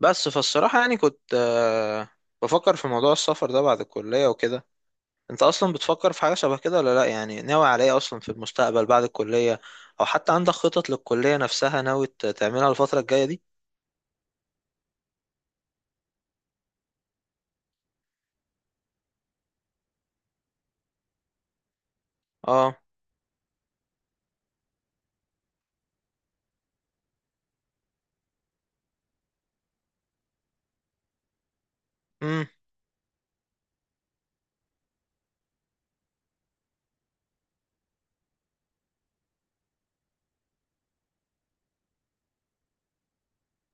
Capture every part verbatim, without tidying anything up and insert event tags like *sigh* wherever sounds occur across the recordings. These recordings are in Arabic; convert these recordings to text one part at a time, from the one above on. بس فالصراحة يعني كنت آه، بفكر في موضوع السفر ده بعد الكلية وكده. انت اصلا بتفكر في حاجة شبه كده ولا لا؟ يعني ناوي على ايه اصلا في المستقبل بعد الكلية؟ او حتى عندك خطط للكلية نفسها ناوي ت- تعملها الفترة الجاية دي؟ اه. امم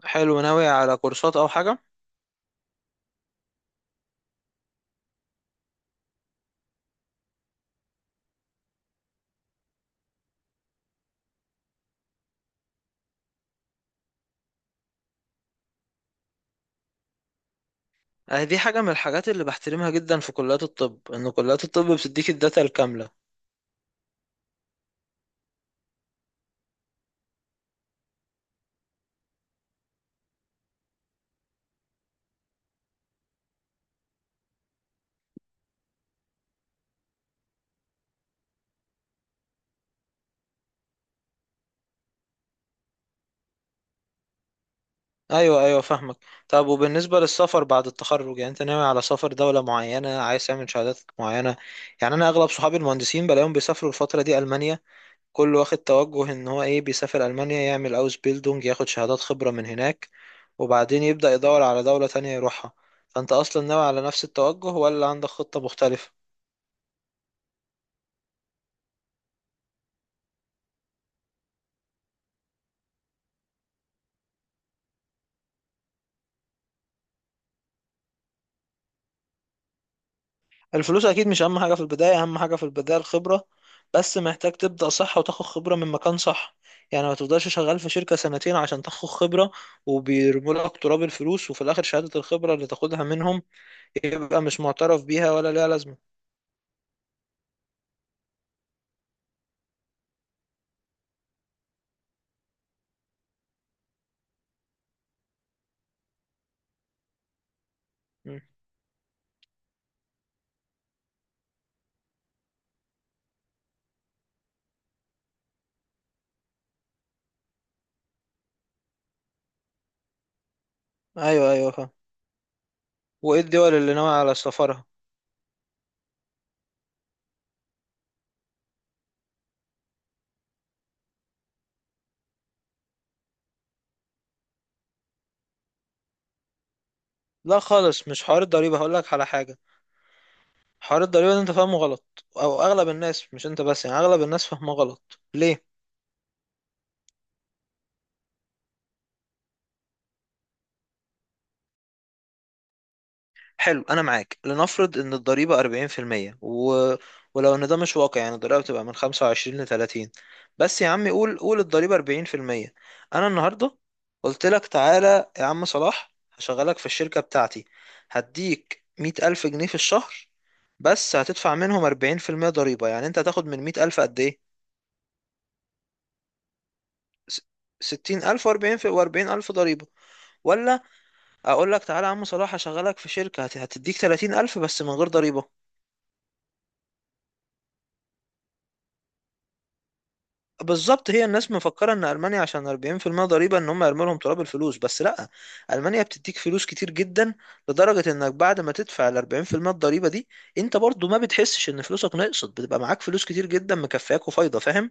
حلو، ناوي على كورسات او حاجة؟ آه، دي حاجة من الحاجات اللي بحترمها جدا في كليات الطب، ان كليات الطب بتديك الداتا الكاملة. ايوه، ايوه، فاهمك. طب وبالنسبه للسفر بعد التخرج، يعني انت ناوي على سفر دوله معينه؟ عايز تعمل شهادات معينه؟ يعني انا اغلب صحابي المهندسين بلاقيهم بيسافروا الفتره دي المانيا، كل واخد توجه ان هو ايه، بيسافر المانيا يعمل اوس بيلدونج، ياخد شهادات خبره من هناك، وبعدين يبدا يدور على دوله تانية يروحها. فانت اصلا ناوي على نفس التوجه ولا عندك خطه مختلفه؟ الفلوس اكيد مش اهم حاجه في البدايه، اهم حاجه في البدايه الخبره. بس محتاج تبدا صح وتاخد خبره من مكان صح، يعني ما تفضلش شغال في شركه سنتين عشان تاخد خبره وبيرموا لك تراب الفلوس وفي الاخر شهاده الخبره اللي تاخدها منهم يبقى مش معترف بيها ولا ليها لازمه. م. ايوه، ايوه، فاهم. وايه الدول اللي ناوي على سفرها؟ لا خالص، مش حوار الضريبه، هقول لك على حاجه. حوار الضريبه ده انت فاهمه غلط، او اغلب الناس، مش انت بس، يعني اغلب الناس فاهمه غلط. ليه؟ حلو، انا معاك، لنفرض ان الضريبه اربعين في المية و... ولو ان ده مش واقع، يعني الضريبه بتبقى من خمسة وعشرين ل ثلاثين، بس يا عم قول قول الضريبه اربعين في المية. انا النهارده قلت لك تعالى يا عم صلاح هشغلك في الشركه بتاعتي، هديك مائة الف جنيه في الشهر، بس هتدفع منهم اربعين في المية ضريبه. يعني انت هتاخد من مائة الف قد ايه؟ س- ستين الف و40 و40000 ضريبه. ولا اقول لك تعالى يا عم صلاح هشغلك في شركه هت- هتديك ثلاثين الف بس من غير ضريبه؟ بالظبط، هي الناس مفكرة ان المانيا عشان اربعين في المية ضريبة ان هم يرموا لهم تراب الفلوس، بس لا. المانيا بتديك فلوس كتير جدا، لدرجة انك بعد ما تدفع ال اربعين في المية الضريبة دي، انت برضو ما بتحسش ان فلوسك نقصت، بتبقى معاك فلوس كتير جدا، مكفياك وفايضة، فاهم؟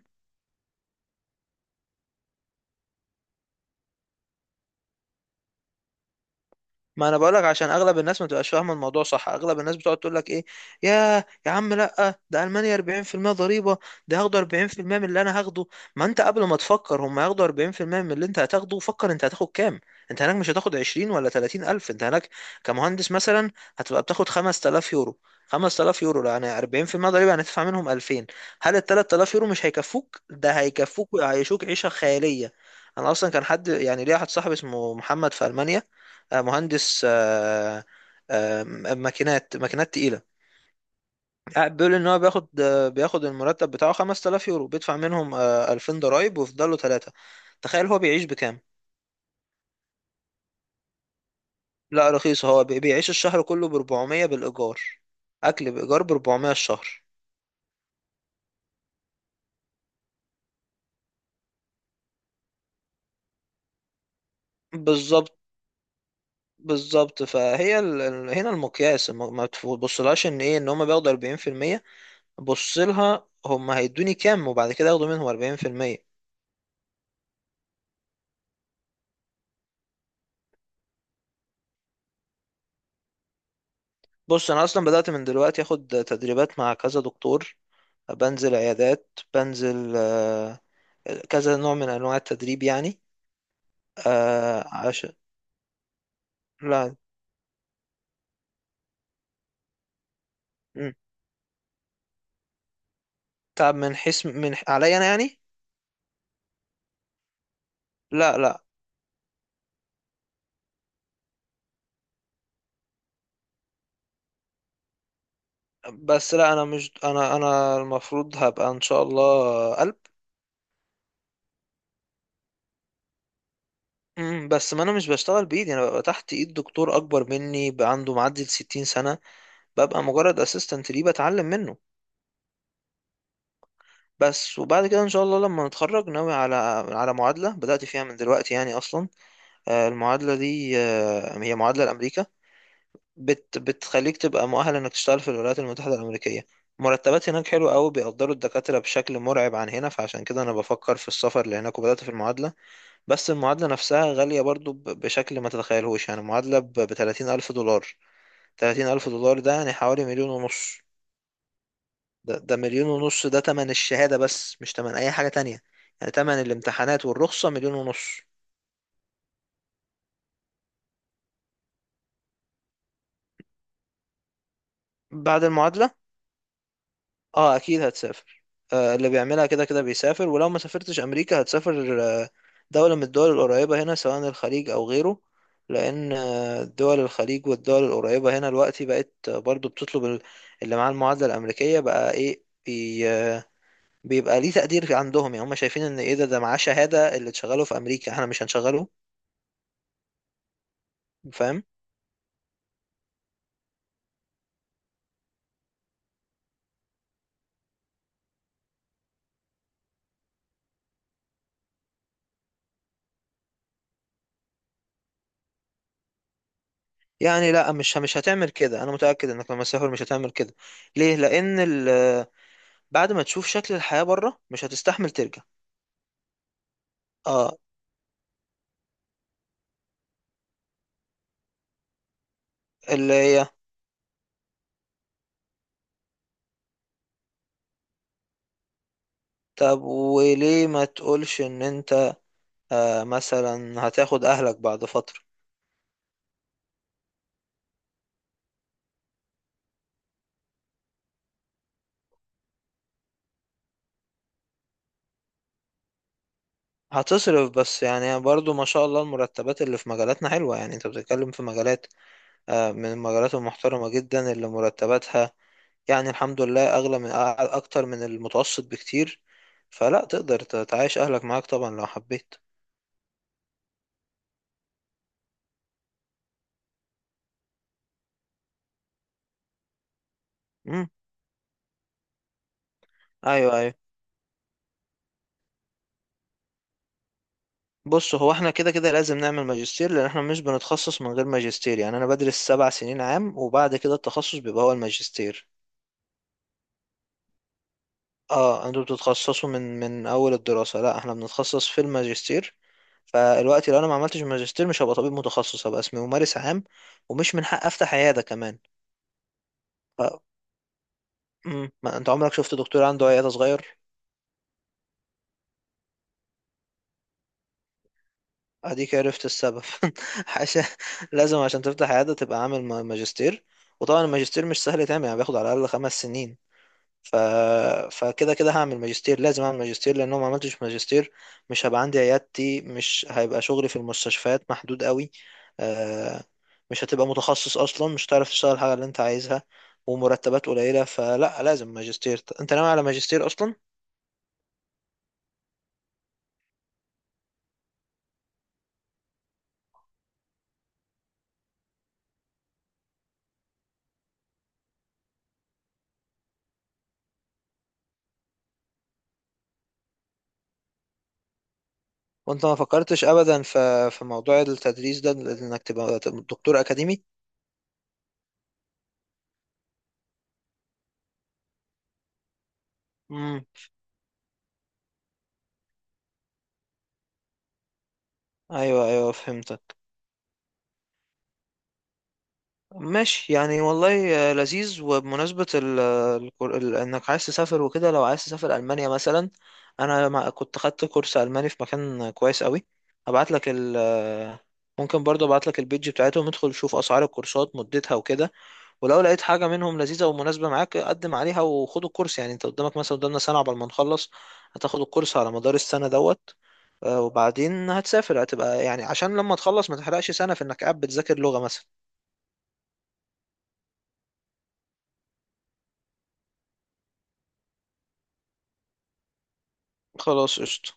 ما انا بقولك عشان اغلب الناس ما تبقاش فاهمه الموضوع صح. اغلب الناس بتقعد تقول لك ايه، يا يا عم، لا ده المانيا اربعين في المية ضريبه، ده هياخدوا اربعين في المية من اللي انا هاخده. ما انت قبل ما تفكر هم هياخدوا اربعين في المية من اللي انت هتاخده، فكر انت هتاخد كام. انت هناك مش هتاخد عشرين ولا ثلاثين الف، انت هناك كمهندس مثلا هتبقى بتاخد خمستلاف يورو. خمستلاف يورو يعني اربعين في المية ضريبه، يعني هتدفع منهم الفين. هل ال ثلاثة آلاف يورو مش هيكفوك؟ ده هيكفوك ويعيشوك عيشه خياليه. انا اصلا كان حد، يعني ليا واحد صاحبي اسمه محمد في المانيا، آه، مهندس آه، آه، ماكينات ماكينات تقيلة. قاعد بيقول ان هو بياخد آه، بياخد المرتب بتاعه خمستلاف يورو، بيدفع منهم آه، الفين ضرايب، ويفضل له تلاتة. تخيل هو بيعيش بكام؟ لا رخيص، هو بي- بيعيش الشهر كله ب اربعمية بالإيجار، أكل بإيجار ب اربعمية الشهر. بالظبط، بالظبط. فهي ال... ال- هنا المقياس، الم- ما تبصلهاش ان ايه، ان هم بياخدوا اربعين في المية. بص لها هم هيدوني كام، وبعد كده ياخدوا منهم اربعين في المية. بص انا اصلا بدأت من دلوقتي اخد تدريبات مع كذا دكتور، بنزل عيادات، بنزل آه، كذا نوع من انواع التدريب يعني. آه، عشان، لا. مم. تعب من حيث من عليا انا يعني. لا، لا. بس لا انا مش انا انا المفروض هبقى ان شاء الله قلب. مم، بس ما انا مش بشتغل بايدي، انا ببقى تحت ايد دكتور اكبر مني بقى عنده معدي ال ستين سنة. ببقى مجرد اسيستنت ليه بتعلم منه. بس وبعد كده ان شاء الله لما نتخرج ناوي على على معادله بدات فيها من دلوقتي يعني. اصلا آه، المعادله دي آه، هي معادله لامريكا، بت بتخليك تبقى مؤهل انك تشتغل في الولايات المتحده الامريكيه. مرتبات هناك حلوه قوي، بيقدروا الدكاتره بشكل مرعب عن هنا، فعشان كده انا بفكر في السفر لهناك وبدات في المعادله. بس المعادله نفسها غاليه برضو ب- بشكل ما تتخيلهوش، يعني معادله ب تلاتين الف دولار. تلاتين الف دولار ده يعني حوالي مليون ونص. ده, ده مليون ونص، ده تمن الشهادة بس، مش تمن أي حاجة تانية. يعني تمن الامتحانات والرخصة مليون ونص. بعد المعادلة، اه أكيد هتسافر. آه اللي بيعملها كده كده بيسافر، ولو ما سافرتش أمريكا هتسافر آه، دولة من الدول القريبة هنا، سواء الخليج أو غيره. لأن آه، دول الخليج والدول القريبة هنا دلوقتي بقت آه، برضو بتطلب ال- اللي معاه المعادلة الأمريكية بقى. إيه بي آه، بيبقى ليه تقدير عندهم، يعني هم شايفين إن إيه، ده ده معاه شهادة اللي تشغله في أمريكا إحنا مش هنشغله. فاهم؟ يعني لا، مش مش هتعمل كده، انا متاكد انك لما تسافر مش هتعمل كده. ليه؟ لان ال- بعد ما تشوف شكل الحياه بره مش هتستحمل ترجع. اه، اللي هي. طب وليه ما تقولش ان انت آه مثلا هتاخد اهلك بعد فتره؟ هتصرف، بس يعني برضو ما شاء الله المرتبات اللي في مجالاتنا حلوه، يعني انت بتتكلم في مجالات آه من المجالات المحترمه جدا اللي مرتباتها يعني الحمد لله اغلى من اكتر من المتوسط بكتير. فلا تقدر تعيش اهلك معاك طبعا لو حبيت. مم. ايوه، ايوه. بص هو احنا كده كده لازم نعمل ماجستير، لان احنا مش بنتخصص من غير ماجستير. يعني انا بدرس سبع سنين عام وبعد كده التخصص بيبقى هو الماجستير. اه انتوا بتتخصصوا من من اول الدراسة، لا احنا بنتخصص في الماجستير. فالوقت لو انا ما عملتش ماجستير مش هبقى طبيب متخصص، هبقى اسمي ممارس عام، ومش من حق افتح عيادة كمان. ف... مم. ما انت عمرك شفت دكتور عنده عيادة صغير؟ اديك عرفت السبب *laughs* عشان لازم عشان تفتح عيادة تبقى عامل ما- ماجستير. وطبعا الماجستير مش سهل يتعمل، يعني بياخد على الاقل خمس سنين. ف... فكده كده هعمل ماجستير، لازم اعمل ماجستير، لان لو ما عملتش ماجستير مش هبقى عندي عيادتي، مش هيبقى شغلي في المستشفيات محدود قوي، آه، مش هتبقى متخصص اصلا، مش هتعرف تشتغل الحاجة اللي انت عايزها، ومرتبات قليلة. فلا، لازم ماجستير. انت ناوي على ماجستير اصلا؟ وانت ما فكرتش ابدا في في موضوع التدريس ده، انك تبقى تبقى دكتور اكاديمي؟ امم ايوه، ايوه، فهمتك. ماشي يعني والله، آه، لذيذ. وبمناسبة ال الكور- ال- انك عايز تسافر وكده، لو عايز تسافر المانيا مثلا، انا مع- كنت خدت كورس الماني في مكان كويس قوي. هبعت لك ال آه، ممكن برضه ابعت لك البيج بتاعتهم، ادخل شوف اسعار الكورسات مدتها وكده. ولو لقيت حاجة منهم لذيذة ومناسبة معاك قدم عليها وخد الكورس. يعني انت قدامك مثلا، قدامنا سنة عقبال ما نخلص، هتاخد الكورس على مدار السنة دوت. آه، وبعدين هتسافر، هتبقى يعني عشان لما تخلص ما تحرقش سنة في انك قاعد بتذاكر لغة مثلا. خلاص قشطة.